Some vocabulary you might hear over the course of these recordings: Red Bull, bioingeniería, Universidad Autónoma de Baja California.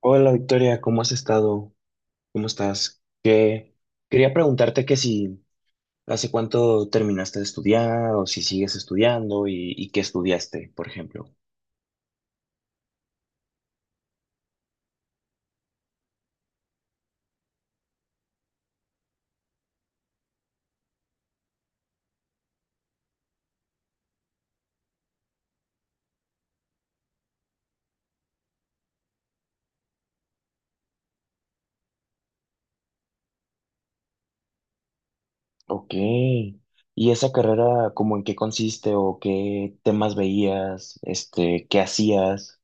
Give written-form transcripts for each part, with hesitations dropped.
Hola Victoria, ¿cómo has estado? ¿Cómo estás? Que quería preguntarte que si hace cuánto terminaste de estudiar o si sigues estudiando y qué estudiaste, por ejemplo. Ok. ¿Y esa carrera, como en qué consiste o qué temas veías, este, qué hacías?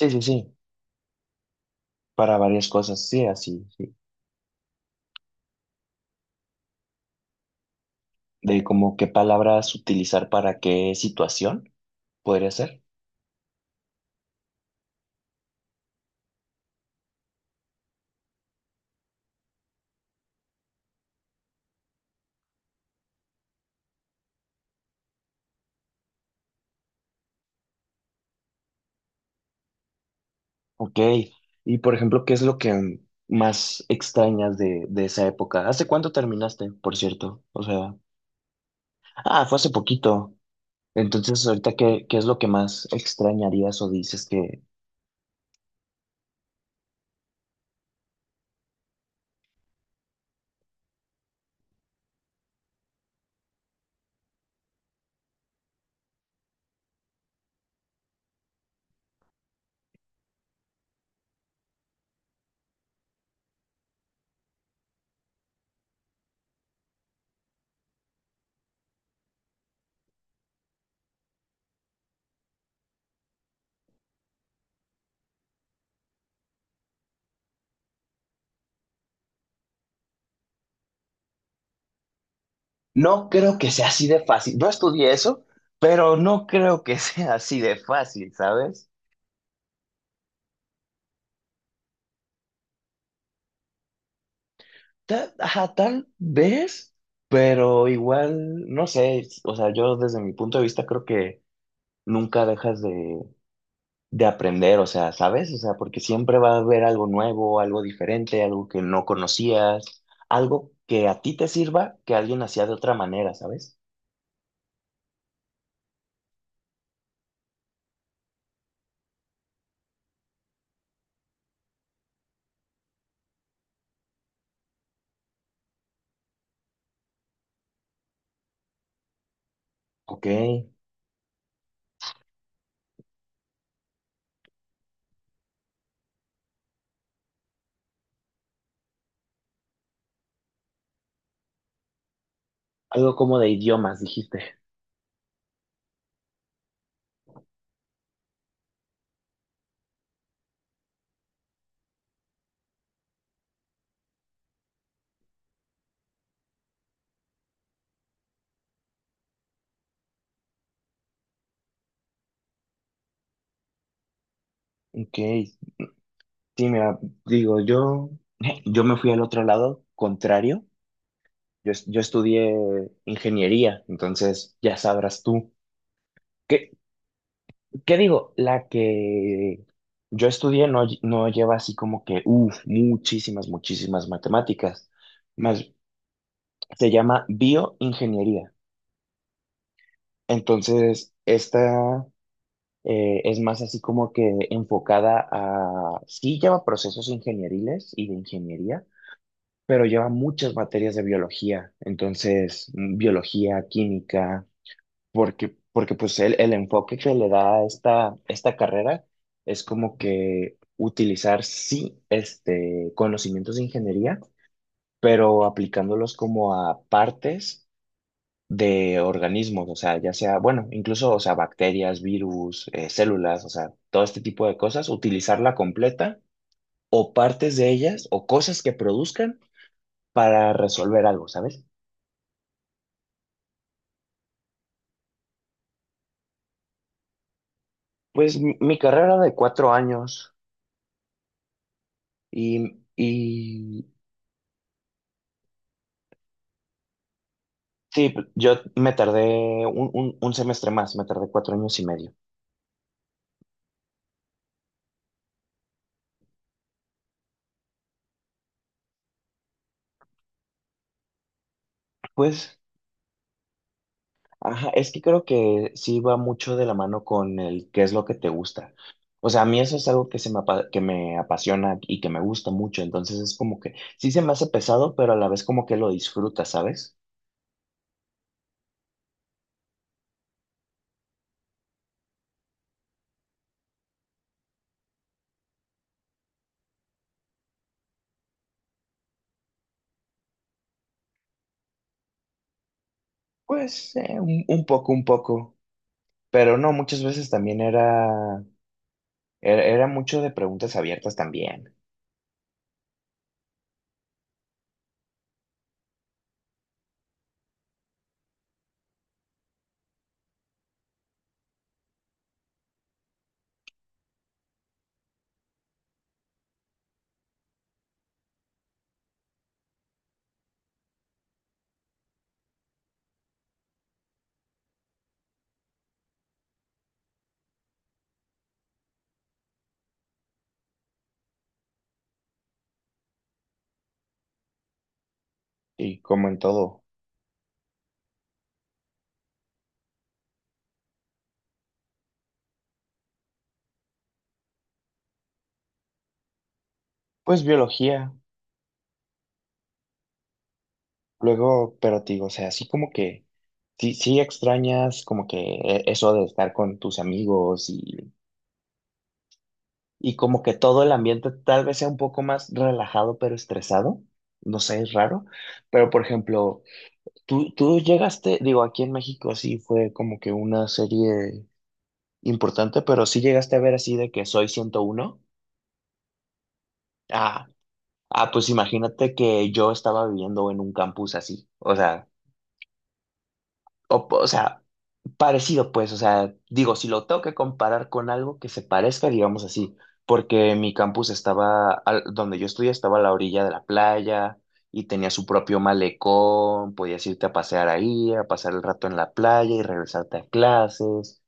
Sí, sí, sí, para varias cosas, sí, así, sí. De como qué palabras utilizar para qué situación podría ser. Ok, y por ejemplo, ¿qué es lo que más extrañas de esa época? ¿Hace cuánto terminaste, por cierto? O sea, ah, fue hace poquito. Entonces, ahorita, ¿qué, qué es lo que más extrañarías o dices que no creo que sea así de fácil? No estudié eso, pero no creo que sea así de fácil, ¿sabes? Ta- ajá, tal vez, pero igual, no sé, o sea, yo desde mi punto de vista creo que nunca dejas de aprender, o sea, ¿sabes? O sea, porque siempre va a haber algo nuevo, algo diferente, algo que no conocías, algo que a ti te sirva, que alguien hacía de otra manera, ¿sabes? Ok, algo como de idiomas, dijiste. Ok, sí, mira, digo, yo, yo me fui al otro lado, contrario, yo, es- yo estudié ingeniería, entonces ya sabrás tú. ¿Qué, ¿qué digo? La que yo estudié no, lle- no lleva así como que, uff, muchísimas, muchísimas matemáticas. Más, se llama bioingeniería. Entonces, esta es más así como que enfocada a, sí lleva procesos ingenieriles y de ingeniería, pero lleva muchas materias de biología. Entonces, mm, biología, química porque, porque pues el enfoque que le da a esta, esta carrera es como que utilizar sí este, conocimientos de ingeniería, pero aplicándolos como a partes de organismos, o sea, ya sea, bueno, incluso, o sea, bacterias, virus, células, o sea, todo este tipo de cosas, utilizarla completa o partes de ellas o cosas que produzcan para resolver algo, ¿sabes? Pues mi carrera de 4 años y sí, p- yo me tardé un semestre más, me tardé 4 años y medio. Pues, ajá, es que creo que sí va mucho de la mano con el qué es lo que te gusta. O sea, a mí eso es algo que, se me, apa- que me apasiona y que me gusta mucho. Entonces es como que sí se me hace pesado, pero a la vez como que lo disfrutas, ¿sabes? Pues un poco, un poco. Pero no, muchas veces también era, era, era mucho de preguntas abiertas también. Y como en todo, pues biología. Luego, pero te digo, o sea, así como que sí, sí extrañas como que e- eso de estar con tus amigos y como que todo el ambiente tal vez sea un poco más relajado pero estresado. No sé, es raro. Pero por ejemplo, tú llegaste, digo, aquí en México sí fue como que una serie importante, pero sí llegaste a ver así de que soy 101. Ah, ah, pues imagínate que yo estaba viviendo en un campus así. O sea, parecido, pues, o sea, digo, si lo tengo que comparar con algo que se parezca, digamos así, porque mi campus estaba, al- donde yo estudié, estaba a la orilla de la playa y tenía su propio malecón, podías irte a pasear ahí, a pasar el rato en la playa y regresarte a clases.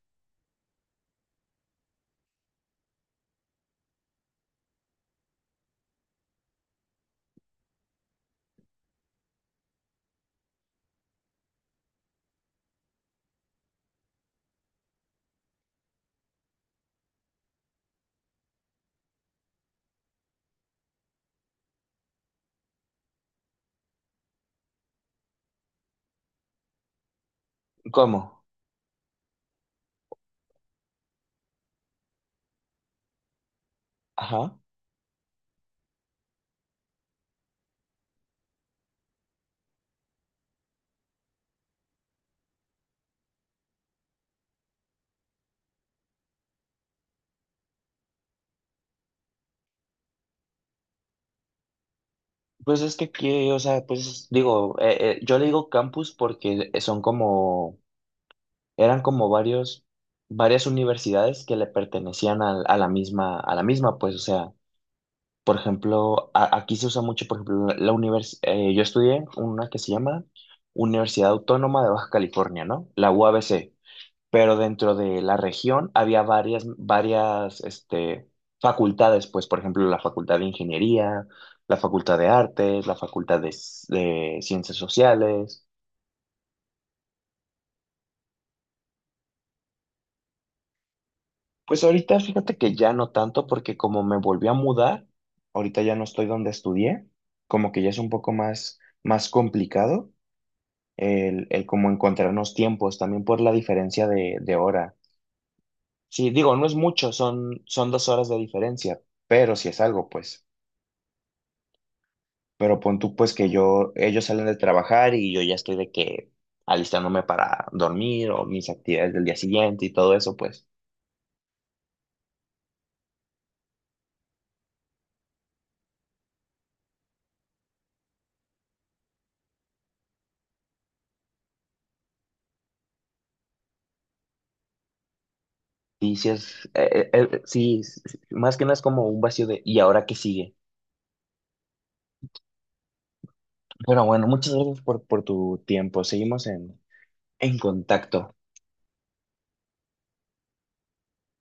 ¿Cómo? Ajá. Pues es que aquí, o sea, pues digo, yo le digo campus porque son como, eran como varios, varias universidades que le pertenecían al- a la misma, pues, o sea. Por ejemplo, a- aquí se usa mucho, por ejemplo, la univers- yo estudié una que se llama Universidad Autónoma de Baja California, ¿no? La UABC. Pero dentro de la región había varias, varias, este, facultades, pues, por ejemplo, la Facultad de Ingeniería, la Facultad de Artes, la Facultad de, S- de Ciencias Sociales. Pues ahorita fíjate que ya no tanto, porque como me volví a mudar, ahorita ya no estoy donde estudié, como que ya es un poco más, más complicado. El cómo encontrarnos tiempos, también por la diferencia de hora. Sí, digo, no es mucho, son, son 2 horas de diferencia, pero si es algo, pues. Pero pon tú, pues, que yo, ellos salen de trabajar y yo ya estoy de que alistándome para dormir o mis actividades del día siguiente y todo eso, pues. Y si es, sí, s- s- más que nada es como un vacío de, ¿y ahora qué sigue? Pero bueno, muchas gracias por tu tiempo. Seguimos en contacto.